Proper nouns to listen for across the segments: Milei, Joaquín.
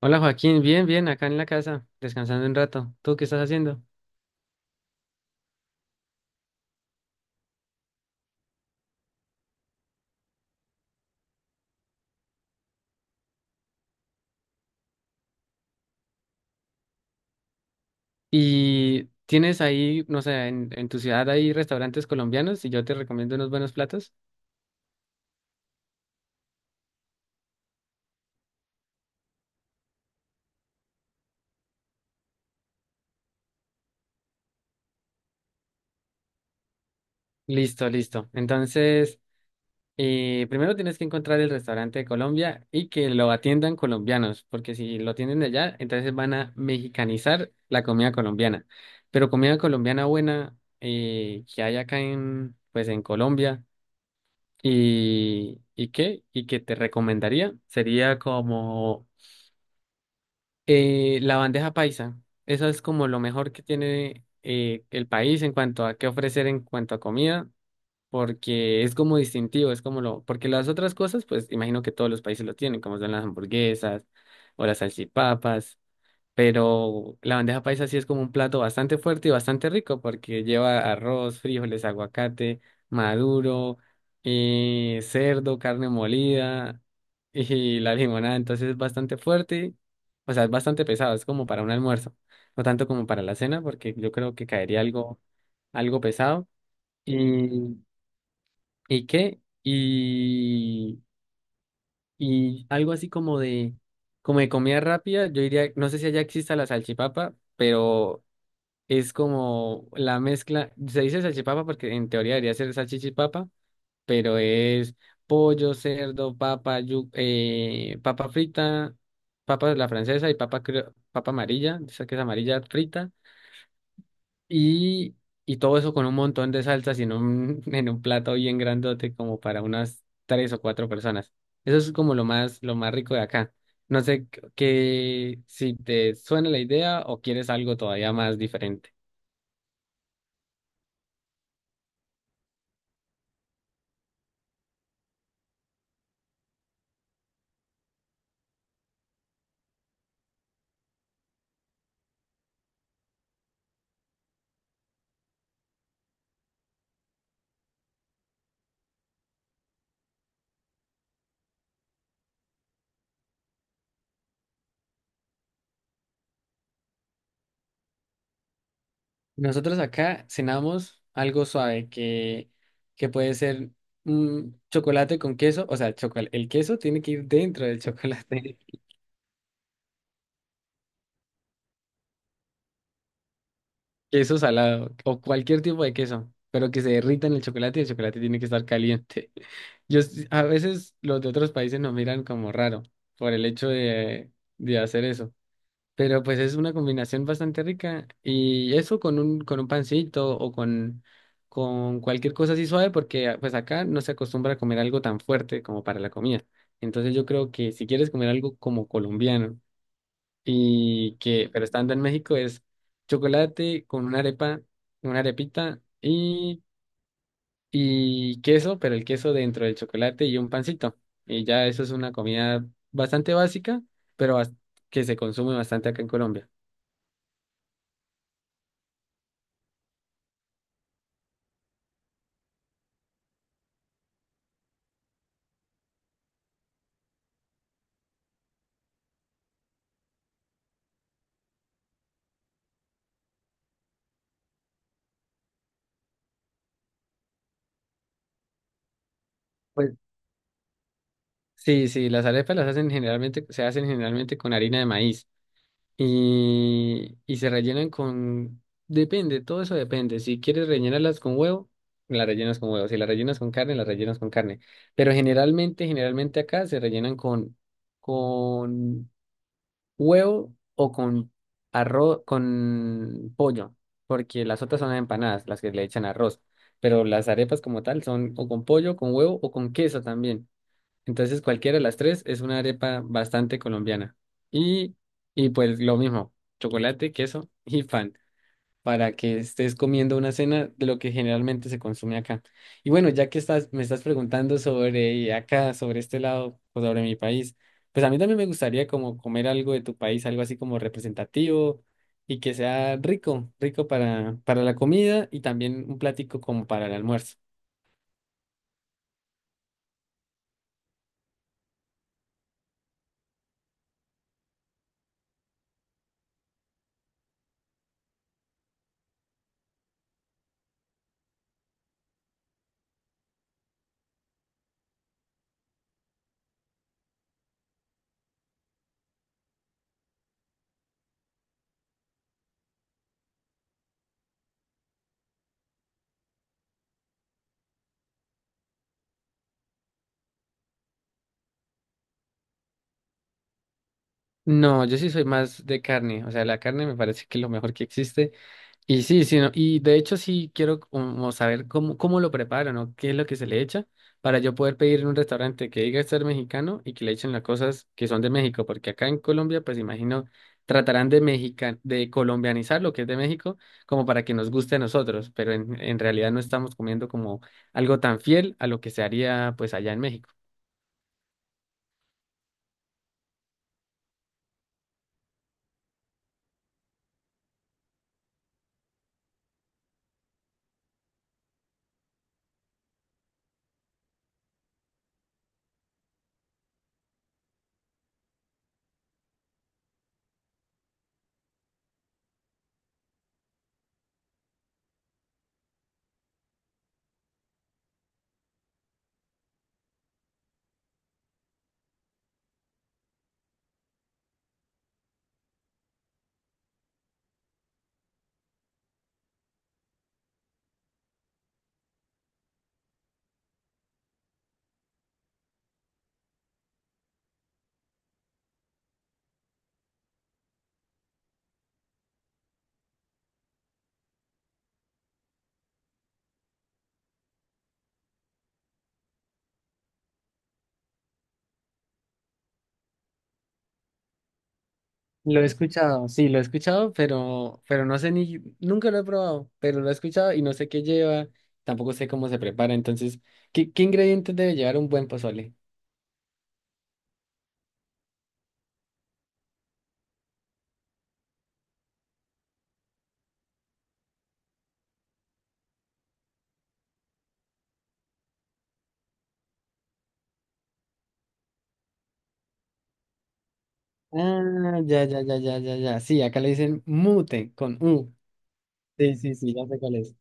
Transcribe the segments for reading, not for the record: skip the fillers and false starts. Hola Joaquín, bien, bien, acá en la casa, descansando un rato. ¿Tú qué estás haciendo? ¿Y tienes ahí, no sé, en tu ciudad hay restaurantes colombianos y yo te recomiendo unos buenos platos? Listo, listo. Entonces, primero tienes que encontrar el restaurante de Colombia y que lo atiendan colombianos, porque si lo atienden de allá, entonces van a mexicanizar la comida colombiana. Pero comida colombiana buena que hay acá en, pues, en Colombia. ¿Y qué? ¿Y qué te recomendaría? Sería como la bandeja paisa. Eso es como lo mejor que tiene el país en cuanto a qué ofrecer en cuanto a comida, porque es como distintivo, es como lo... Porque las otras cosas, pues imagino que todos los países lo tienen, como son las hamburguesas o las salchipapas. Pero la bandeja paisa sí es como un plato bastante fuerte y bastante rico porque lleva arroz, frijoles, aguacate, maduro, cerdo, carne molida y la limonada. Entonces es bastante fuerte, o sea, es bastante pesado, es como para un almuerzo, no tanto como para la cena porque yo creo que caería algo, algo pesado. ¿Y, y qué? Y algo así como de comida rápida, yo diría, no sé si allá exista la salchipapa, pero es como la mezcla, se dice salchipapa porque en teoría debería ser salchichipapa, pero es pollo, cerdo, papa, papa frita, papa de la francesa y papa, papa amarilla, esa que es amarilla frita, y, y todo eso con un montón de salsas y en un, en un plato bien grandote como para unas tres o cuatro personas. Eso es como lo más rico de acá. No sé qué, si te suena la idea o quieres algo todavía más diferente. Nosotros acá cenamos algo suave que puede ser un chocolate con queso, o sea, el queso tiene que ir dentro del chocolate, queso salado o cualquier tipo de queso, pero que se derrita en el chocolate y el chocolate tiene que estar caliente. A veces los de otros países nos miran como raro por el hecho de hacer eso. Pero pues es una combinación bastante rica. Y eso con un pancito o con cualquier cosa así suave, porque ah, pues acá no se acostumbra a comer algo tan fuerte como para la comida. Entonces yo creo que si quieres comer algo como colombiano y que, pero estando en México es chocolate con una arepa, una arepita y queso, pero el queso dentro del chocolate y un pancito. Y ya eso es una comida bastante básica, pero bas- que se consume bastante acá en Colombia. Sí, sí, las arepas las hacen generalmente, se hacen generalmente con harina de maíz y se rellenan con, depende, todo eso depende. Si quieres rellenarlas con huevo, las rellenas con huevo. Si las rellenas con carne, las rellenas con carne. Pero generalmente, generalmente acá se rellenan con huevo o con arroz, con pollo, porque las otras son empanadas, las que le echan arroz. Pero las arepas como tal son o con pollo, con huevo o con queso también. Entonces, cualquiera de las tres es una arepa bastante colombiana. Y, y pues lo mismo, chocolate, queso y pan, para que estés comiendo una cena de lo que generalmente se consume acá. Y bueno, ya que estás, me estás preguntando sobre acá, sobre este lado, o sobre mi país, pues a mí también me gustaría como comer algo de tu país, algo así como representativo y que sea rico, rico para la comida y también un plático como para el almuerzo. No, yo sí soy más de carne, o sea, la carne me parece que es lo mejor que existe. Y sí, sí, no, y de hecho sí quiero como saber cómo, cómo lo preparan o qué es lo que se le echa para yo poder pedir en un restaurante que diga ser mexicano y que le echen las cosas que son de México, porque acá en Colombia, pues imagino, tratarán de de colombianizar lo que es de México como para que nos guste a nosotros, pero en realidad no estamos comiendo como algo tan fiel a lo que se haría pues allá en México. Lo he escuchado, sí, lo he escuchado, pero no sé ni, nunca lo he probado, pero lo he escuchado y no sé qué lleva, tampoco sé cómo se prepara, entonces, ¿ qué ingredientes debe llevar un buen pozole? Ah, ya, ya, ya, ya, ya, ya, sí, acá le dicen mute con U. Sí, sí, sí, ya sé cuál es.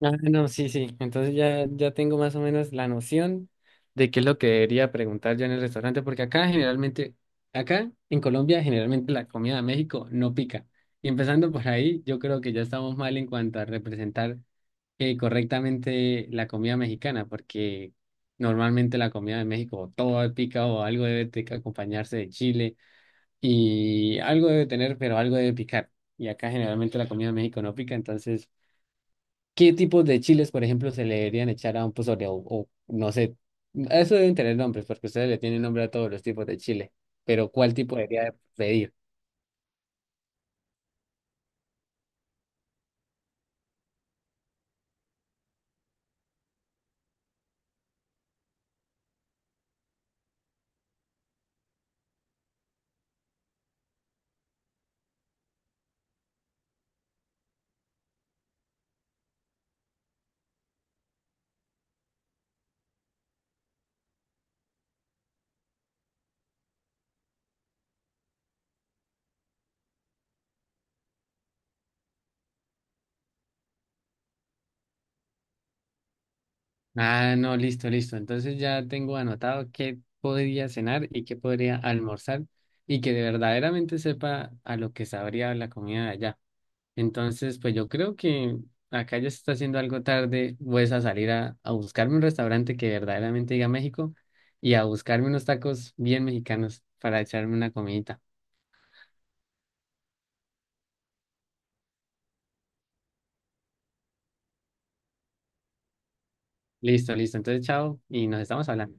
Ah, no, sí, sí. Entonces ya, ya tengo más o menos la noción de qué es lo que debería preguntar yo en el restaurante, porque acá generalmente, acá en Colombia, generalmente la comida de México no pica. Y empezando por ahí, yo creo que ya estamos mal en cuanto a representar correctamente la comida mexicana, porque normalmente la comida de México todo pica o algo debe de acompañarse de chile y algo debe tener, pero algo debe picar. Y acá generalmente la comida de México no pica, entonces. ¿Qué tipos de chiles, por ejemplo, se le deberían echar a un pozole? O no sé, eso deben tener nombres, porque ustedes le tienen nombre a todos los tipos de chile. Pero ¿cuál tipo debería de pedir? Ah, no, listo, listo. Entonces ya tengo anotado qué podría cenar y qué podría almorzar y que de verdaderamente sepa a lo que sabría la comida de allá. Entonces, pues yo creo que acá ya se está haciendo algo tarde, pues a salir a buscarme un restaurante que verdaderamente diga México y a buscarme unos tacos bien mexicanos para echarme una comidita. Listo, listo. Entonces, chao y nos estamos hablando.